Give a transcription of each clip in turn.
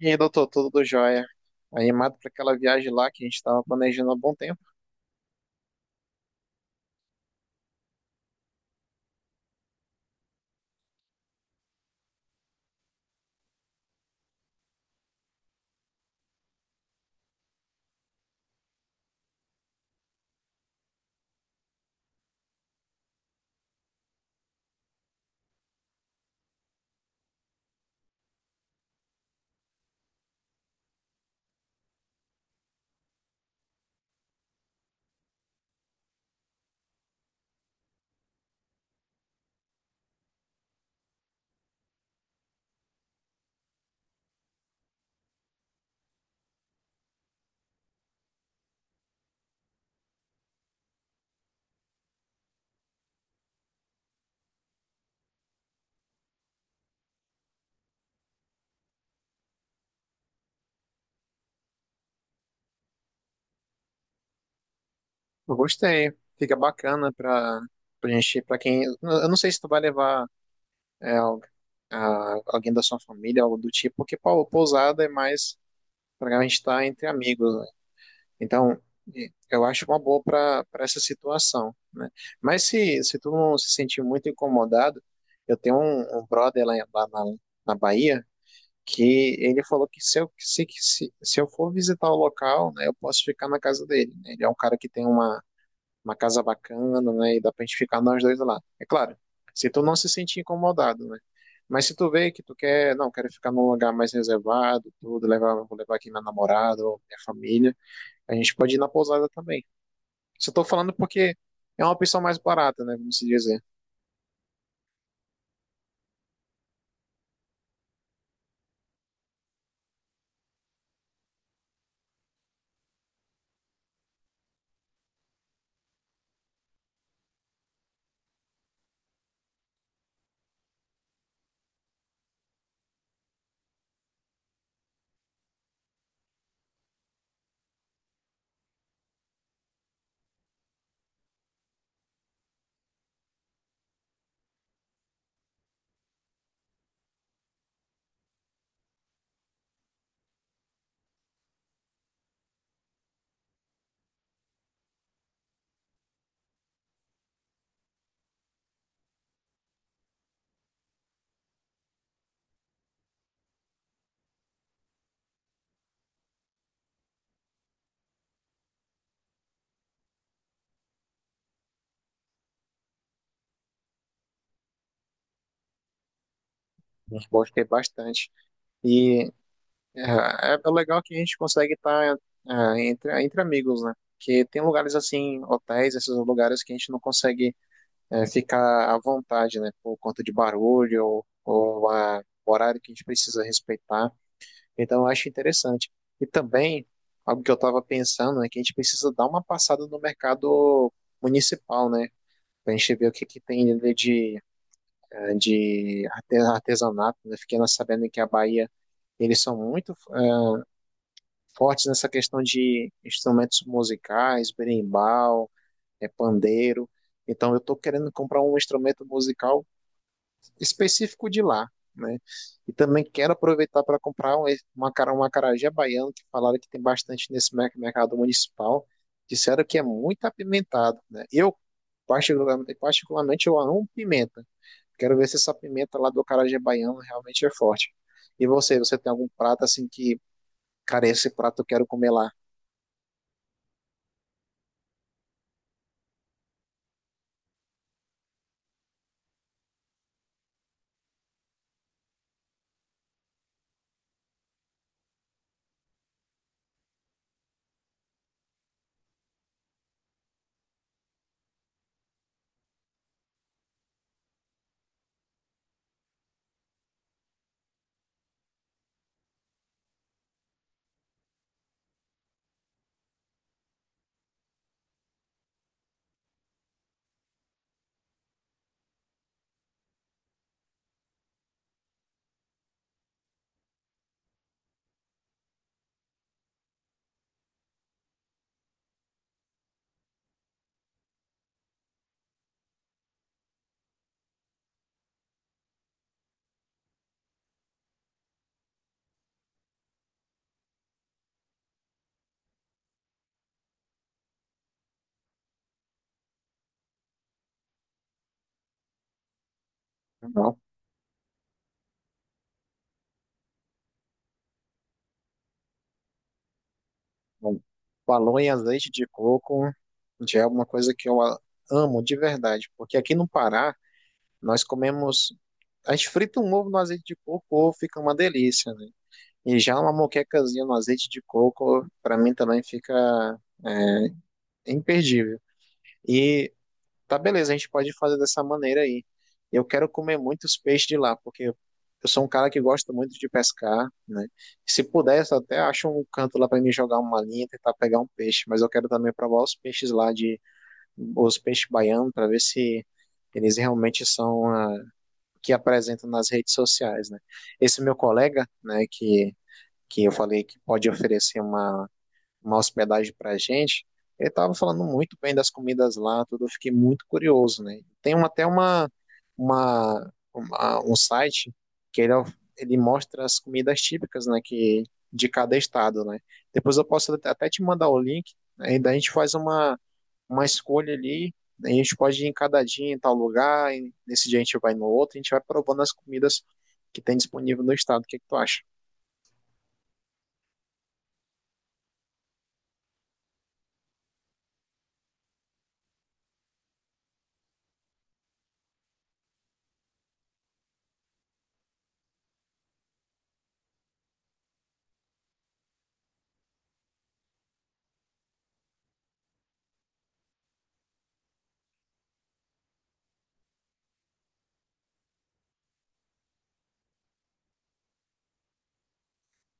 E aí, doutor, tudo jóia? Animado para aquela viagem lá que a gente estava planejando há bom tempo. Eu gostei, fica bacana para a gente, para quem. Eu não sei se tu vai levar é, al- alguém da sua família, algo do tipo, porque pô, pousada é mais para a gente estar entre amigos, né? Então, eu acho uma boa para essa situação, né? Mas se tu não se sentir muito incomodado, eu tenho um brother lá, na Bahia. Que ele falou que se eu for visitar o local, né, eu posso ficar na casa dele, né? Ele é um cara que tem uma casa bacana, né, e dá pra gente ficar nós dois lá. É claro, se tu não se sentir incomodado, né? Mas se tu vê que tu quer, não, quero ficar num lugar mais reservado, tudo, levar, vou levar aqui minha namorada ou minha família, a gente pode ir na pousada também. Só tô falando porque é uma opção mais barata, né, vamos se dizer. A gente pode ter bastante. E É, é legal que a gente consegue estar entre, entre amigos, né? Porque tem lugares assim, hotéis, esses lugares que a gente não consegue ficar à vontade, né? Por conta de barulho ou, o horário que a gente precisa respeitar. Então, eu acho interessante. E também, algo que eu estava pensando é que a gente precisa dar uma passada no mercado municipal, né? Pra gente ver que tem ali de, de artesanato, né? Fiquei sabendo que a Bahia. Eles são muito fortes nessa questão de instrumentos musicais, berimbau, pandeiro. Então eu estou querendo comprar um instrumento musical específico de lá, né? E também quero aproveitar para comprar um acarajé baiano, que falaram que tem bastante nesse mercado municipal. Disseram que é muito apimentado, né? Eu, particularmente, eu amo pimenta. Quero ver se essa pimenta lá do acarajé baiano realmente é forte. E você tem algum prato assim que, cara, esse prato eu quero comer lá? Bom, falou em azeite de coco, já é uma coisa que amo de verdade, porque aqui no Pará nós comemos, a gente frita um ovo no azeite de coco, o ovo fica uma delícia, né? E já uma moquecazinha no azeite de coco, para mim também fica é, imperdível. E tá beleza, a gente pode fazer dessa maneira aí. Eu quero comer muitos peixes de lá, porque eu sou um cara que gosta muito de pescar, né? Se pudesse, eu até acho um canto lá para me jogar uma linha, tentar pegar um peixe, mas eu quero também provar os peixes lá de os peixes baianos para ver se eles realmente são o que apresentam nas redes sociais, né? Esse meu colega, né, que eu falei que pode oferecer uma hospedagem para a gente, ele estava falando muito bem das comidas lá, tudo, eu fiquei muito curioso, né? Tem uma- até uma- um site que ele mostra as comidas típicas, né, que, de cada estado, né? Depois eu posso até te mandar o link, aí daí a gente faz uma escolha ali, né, a gente pode ir em cada dia em tal lugar, e nesse dia a gente vai no outro, a gente vai provando as comidas que tem disponível no estado, o que é que tu acha?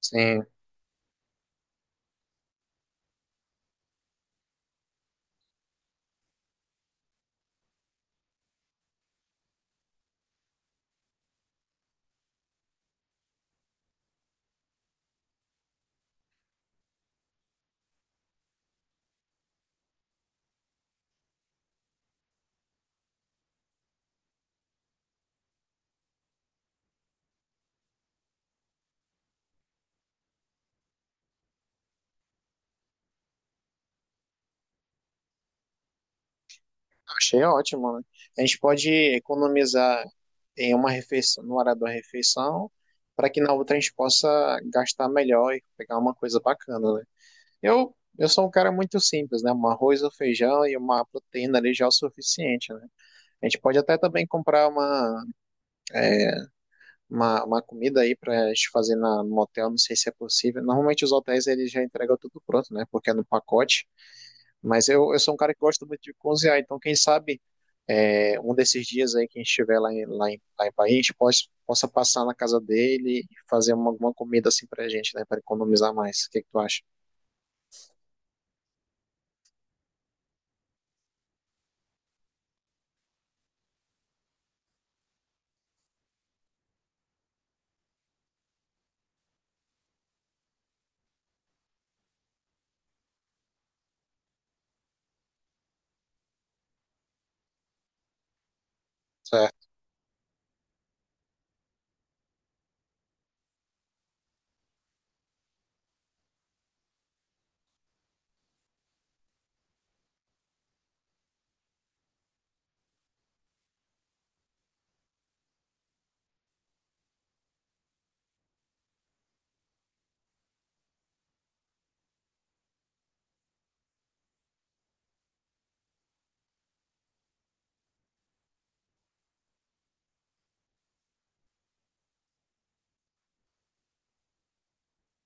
Sim. Achei ótimo, né? A gente pode economizar em uma refeição, no horário da refeição, para que na outra a gente possa gastar melhor e pegar uma coisa bacana, né? Eu sou um cara muito simples, né? Um arroz, um feijão e uma proteína ali já é o suficiente, né? A gente pode até também comprar é, uma comida aí para a gente fazer no hotel, não sei se é possível. Normalmente os hotéis eles já entregam tudo pronto, né? Porque é no pacote. Mas eu sou um cara que gosta muito de cozinhar, então quem sabe um desses dias aí que a gente estiver lá em Bahia, a gente possa passar na casa dele e fazer uma comida assim pra gente, né? Pra economizar mais. O que que tu acha? Certo.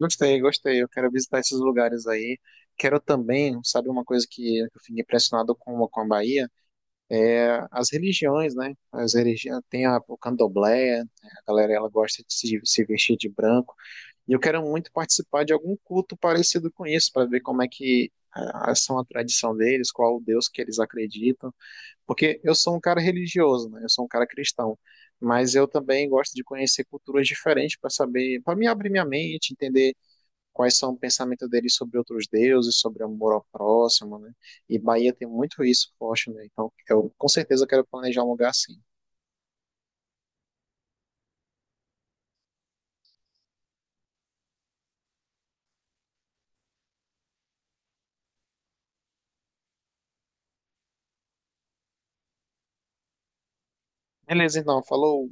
Gostei, gostei. Eu quero visitar esses lugares aí. Quero também, sabe, uma coisa que eu fiquei impressionado com a Bahia é as religiões, né? As religiões, tem o candomblé, né? A galera ela gosta de se vestir de branco. E eu quero muito participar de algum culto parecido com isso, para ver como é que são a tradição deles, qual o Deus que eles acreditam. Porque eu sou um cara religioso, né? Eu sou um cara cristão, mas eu também gosto de conhecer culturas diferentes para saber, para me abrir minha mente, entender quais são o pensamento deles sobre outros deuses, sobre amor ao próximo, né? E Bahia tem muito isso forte, né? Então, eu com certeza quero planejar um lugar assim. Beleza, então, falou.